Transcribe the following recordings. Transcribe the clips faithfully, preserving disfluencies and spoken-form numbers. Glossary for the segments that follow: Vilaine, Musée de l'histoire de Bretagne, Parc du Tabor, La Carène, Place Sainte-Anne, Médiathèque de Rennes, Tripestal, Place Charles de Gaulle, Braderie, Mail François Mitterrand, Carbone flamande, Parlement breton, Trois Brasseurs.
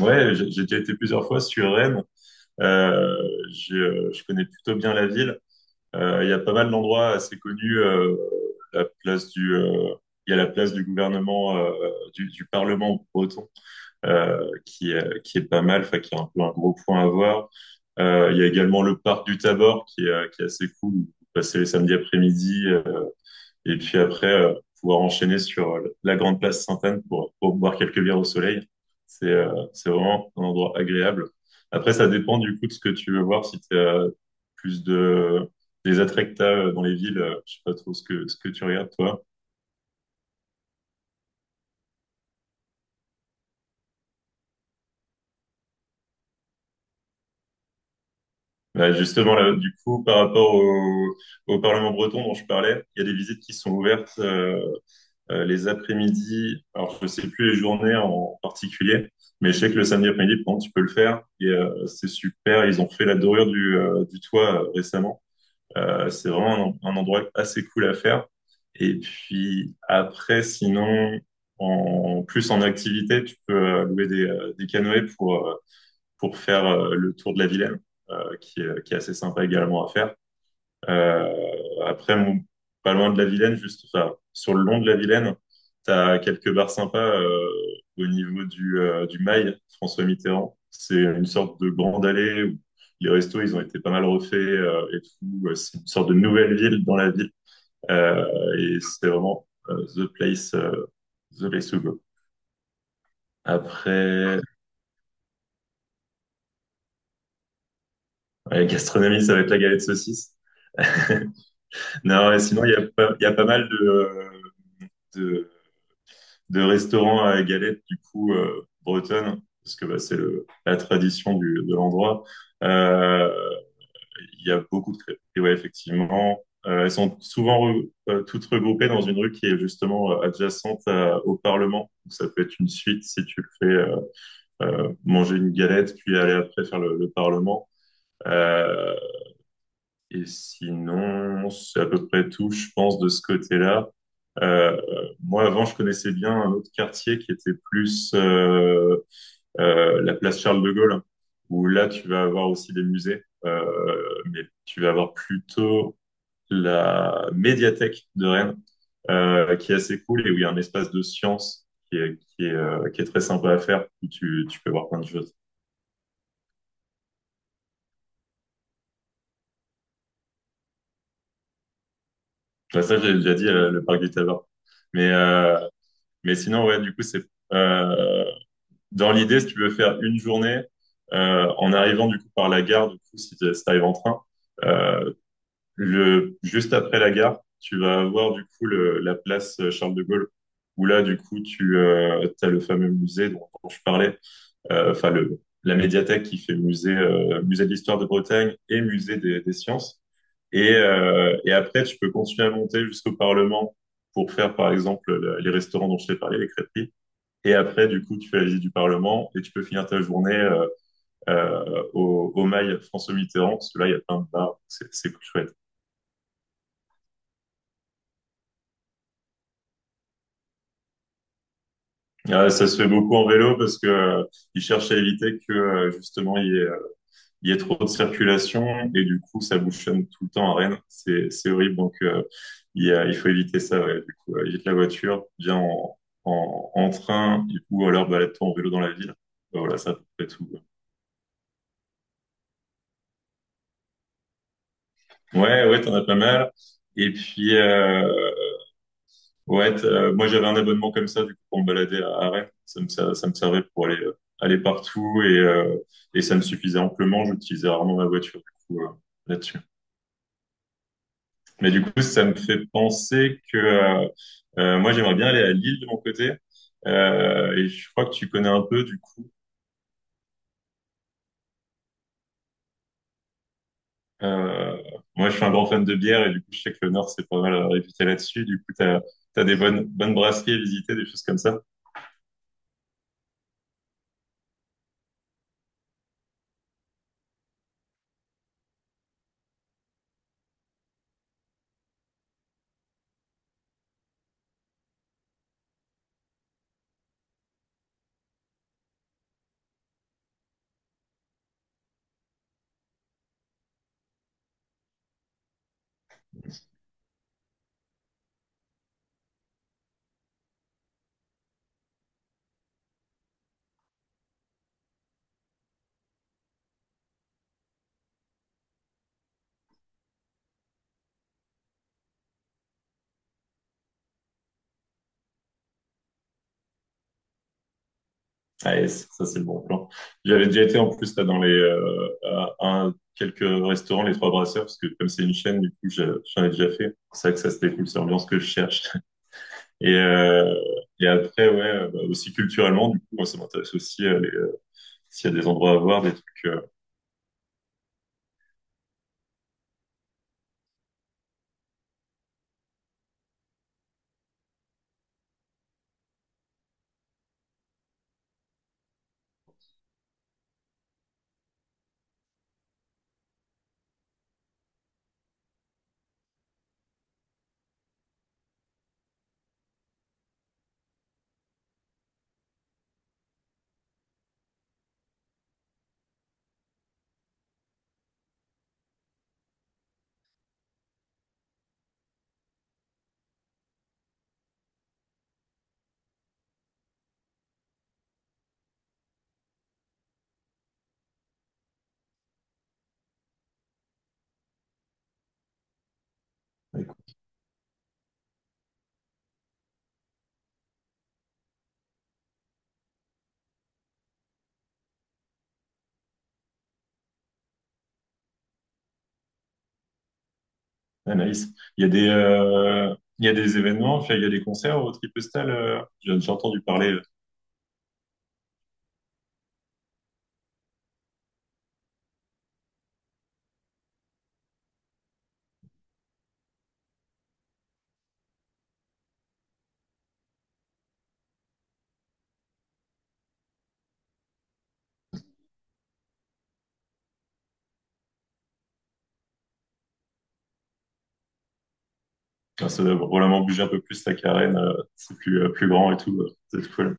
Ouais, j'ai j'ai déjà été plusieurs fois sur Rennes. Euh, j'ai, euh, je connais plutôt bien la ville. Euh, Il y a pas mal d'endroits assez connus. Euh, la place du, euh, il y a la place du gouvernement, euh, du, du Parlement breton, euh, qui est, qui est pas mal, enfin, qui est un peu un gros point à voir. Euh, il y a également le parc du Tabor, qui est, euh, qui est assez cool. Vous passez les samedis après-midi. euh, et puis après, euh, pouvoir enchaîner sur euh, la grande place Sainte-Anne pour, pour boire quelques bières au soleil. C'est euh, c'est vraiment un endroit agréable. Après, ça dépend du coup de ce que tu veux voir. Si tu as plus de des attraits que t'as, euh, dans les villes, euh, je sais pas trop ce que, ce que tu regardes, toi. Bah, justement, là, du coup, par rapport au, au Parlement breton dont je parlais, il y a des visites qui sont ouvertes. Euh, euh, les après-midi. Alors, je ne sais plus les journées en particulier, mais je sais que le samedi après-midi, par exemple, tu peux le faire. Et euh, c'est super. Ils ont fait la dorure du, euh, du toit euh, récemment. Euh, c'est vraiment un, un endroit assez cool à faire. Et puis après, sinon, en plus en activité, tu peux euh, louer des, euh, des canoës pour, euh, pour faire euh, le tour de la Vilaine, euh, qui, est- qui est assez sympa également à faire. Euh, après, mon- Pas loin de la Vilaine, juste, enfin, sur le long de la Vilaine, t'as quelques bars sympas euh, au niveau du, euh, du Mail, François Mitterrand. C'est une sorte de grande allée où les restos, ils ont été pas mal refaits euh, et tout. Euh, C'est une sorte de nouvelle ville dans la ville. Euh, et c'est vraiment euh, the place, euh, the place to go. Après, la gastronomie, ça va être la galette saucisse. Non, et sinon, il y a pas, il y a pas mal de, de restaurant à galette, du coup, euh, bretonne, parce que bah, c'est le- la tradition du, de l'endroit. Euh, Il y a beaucoup de crêpes. Et ouais, effectivement, euh, elles sont souvent re- euh, toutes regroupées dans une rue qui est justement euh, adjacente à- au Parlement. Donc, ça peut être une suite si tu le fais, euh, euh, manger une galette, puis aller après faire le, le Parlement. Euh, et sinon, c'est à peu près tout, je pense, de ce côté-là. Euh, Moi, avant, je connaissais bien un autre quartier qui était plus euh, euh, la place Charles de Gaulle, où là, tu vas avoir aussi des musées, euh, mais tu vas avoir plutôt la médiathèque de Rennes, euh, qui est assez cool et où il y a un espace de science qui est, qui est, euh, qui est très sympa à faire, où tu, tu peux voir plein de choses. Bah, ça, j'ai déjà dit, euh, le parc des Tabards. Mais, euh, Mais sinon, ouais, du coup, c'est euh, dans l'idée, si tu veux faire une journée euh, en arrivant du coup par la gare, du coup, si tu arrives en train, euh, le, juste après la gare, tu vas avoir du coup le, la place euh, Charles de Gaulle, où là, du coup, tu as le fameux musée dont, dont je parlais, euh, enfin le, la médiathèque qui fait musée, euh, musée de l'histoire de Bretagne et musée des, des sciences. Et, euh, et après, tu peux continuer à monter jusqu'au Parlement pour faire, par exemple, la- les restaurants dont je t'ai parlé, les crêperies. Et après, du coup, tu fais la visite du Parlement et tu peux finir ta journée euh, euh, au, au mail François Mitterrand, parce que là, il y a plein de bars, c'est c'est plus chouette. Euh, ça se fait beaucoup en vélo parce que euh, ils cherchent à éviter que euh, justement il y, ait, il y ait trop de circulation et du coup ça bouchonne tout le temps à Rennes. C'est c'est horrible, donc euh, il, y a- il faut éviter ça. Ouais. Du coup, euh, évite la voiture, viens en, en, en train ou alors balade-toi en vélo dans la ville. Voilà, ça à peu près tout. Ouais, ouais, ouais, t'en as pas mal. Et puis, euh, ouais, t- euh, moi j'avais un abonnement comme ça du coup pour me balader à, à Rennes. Ça me, ser- ça, me servait pour aller euh, aller partout et euh, et ça me suffisait amplement. J'utilisais rarement ma voiture du coup euh, là-dessus. Mais du coup ça me fait penser que euh, euh, moi j'aimerais bien aller à Lille de mon côté. Euh, et je crois que tu connais un peu du coup. Euh, Moi je suis un grand fan de bière et du coup je sais que le Nord c'est pas mal euh, réputé là-dessus. Du coup t'as t'as des bonnes bonnes brasseries à visiter, des choses comme ça. Ah, yes, ça ça, c'est le bon plan. J'avais déjà été en plus là dans les euh, à un- quelques restaurants, les Trois Brasseurs, parce que comme c'est une chaîne, du coup, j'a- j'en ai déjà fait. C'est vrai que ça c'était cool, c'est l'ambiance que je cherche. Et euh, et après, ouais, euh, bah, aussi culturellement, du coup, moi ça m'intéresse aussi euh, les, euh, s'il y a des endroits à voir, des trucs. Euh, avec- ah, nice. Il y a des euh, il y a des événements, enfin, il y a des concerts au Tripestal. Euh, j'ai j'ai entendu parler. Euh, enfin, ça doit vraiment bouger un peu plus la carène, euh, c'est plus euh, plus grand et tout. euh, C'est cool.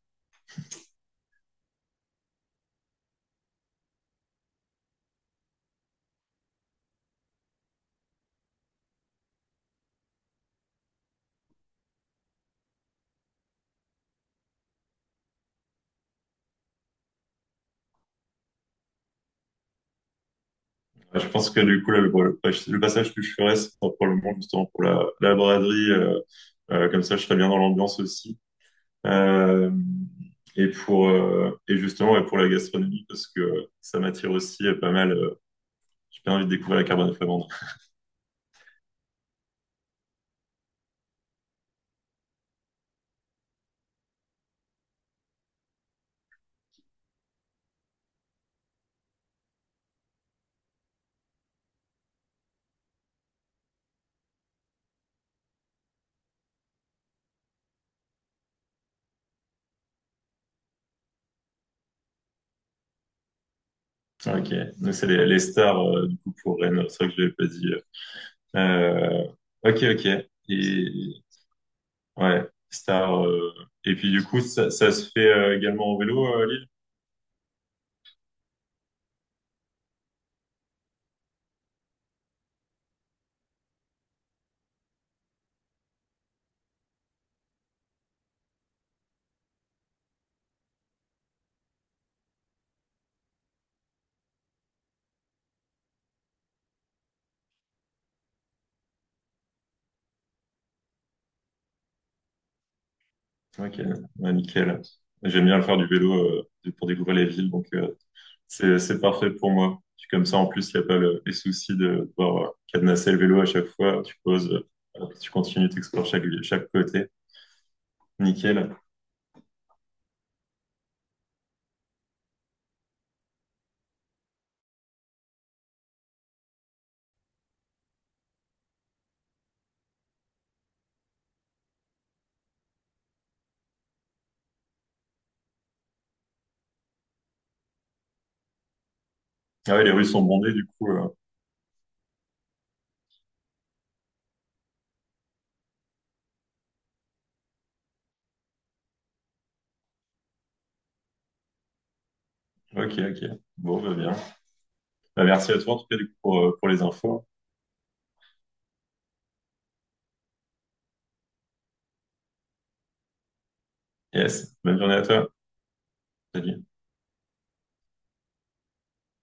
Ouais, je pense que du coup, là, le, le passage que je ferais, c'est probablement justement pour la, la braderie. Euh, euh, comme ça, je serais bien dans l'ambiance aussi. Euh, et pour euh, et justement, ouais, pour la gastronomie, parce que ça m'attire aussi euh, pas mal. Euh, j'ai bien envie de découvrir la carbone flamande. Ok. Donc c'est les, les stars euh, du coup pour Rennes. C'est vrai que je l'avais pas dit. Euh, ok, ok. Et ouais, stars. Euh, et puis du coup, ça, ça se fait euh, également en vélo, euh, Lille. Ok, ouais, nickel. J'aime bien faire du vélo euh, pour découvrir les villes, donc euh, c'est c'est parfait pour moi. Puis comme ça, en plus, il n'y a pas le- les soucis de devoir euh, cadenasser le vélo à chaque fois. Tu poses, euh, hop, tu continues, tu explores chaque, ville- chaque côté. Nickel. Ah ouais, les rues sont bondées, du coup. Euh, ok, ok. Bon, bah bien. Bah, merci à toi, en tout cas, du coup, pour, euh, pour les infos. Yes, bonne journée à toi. Salut.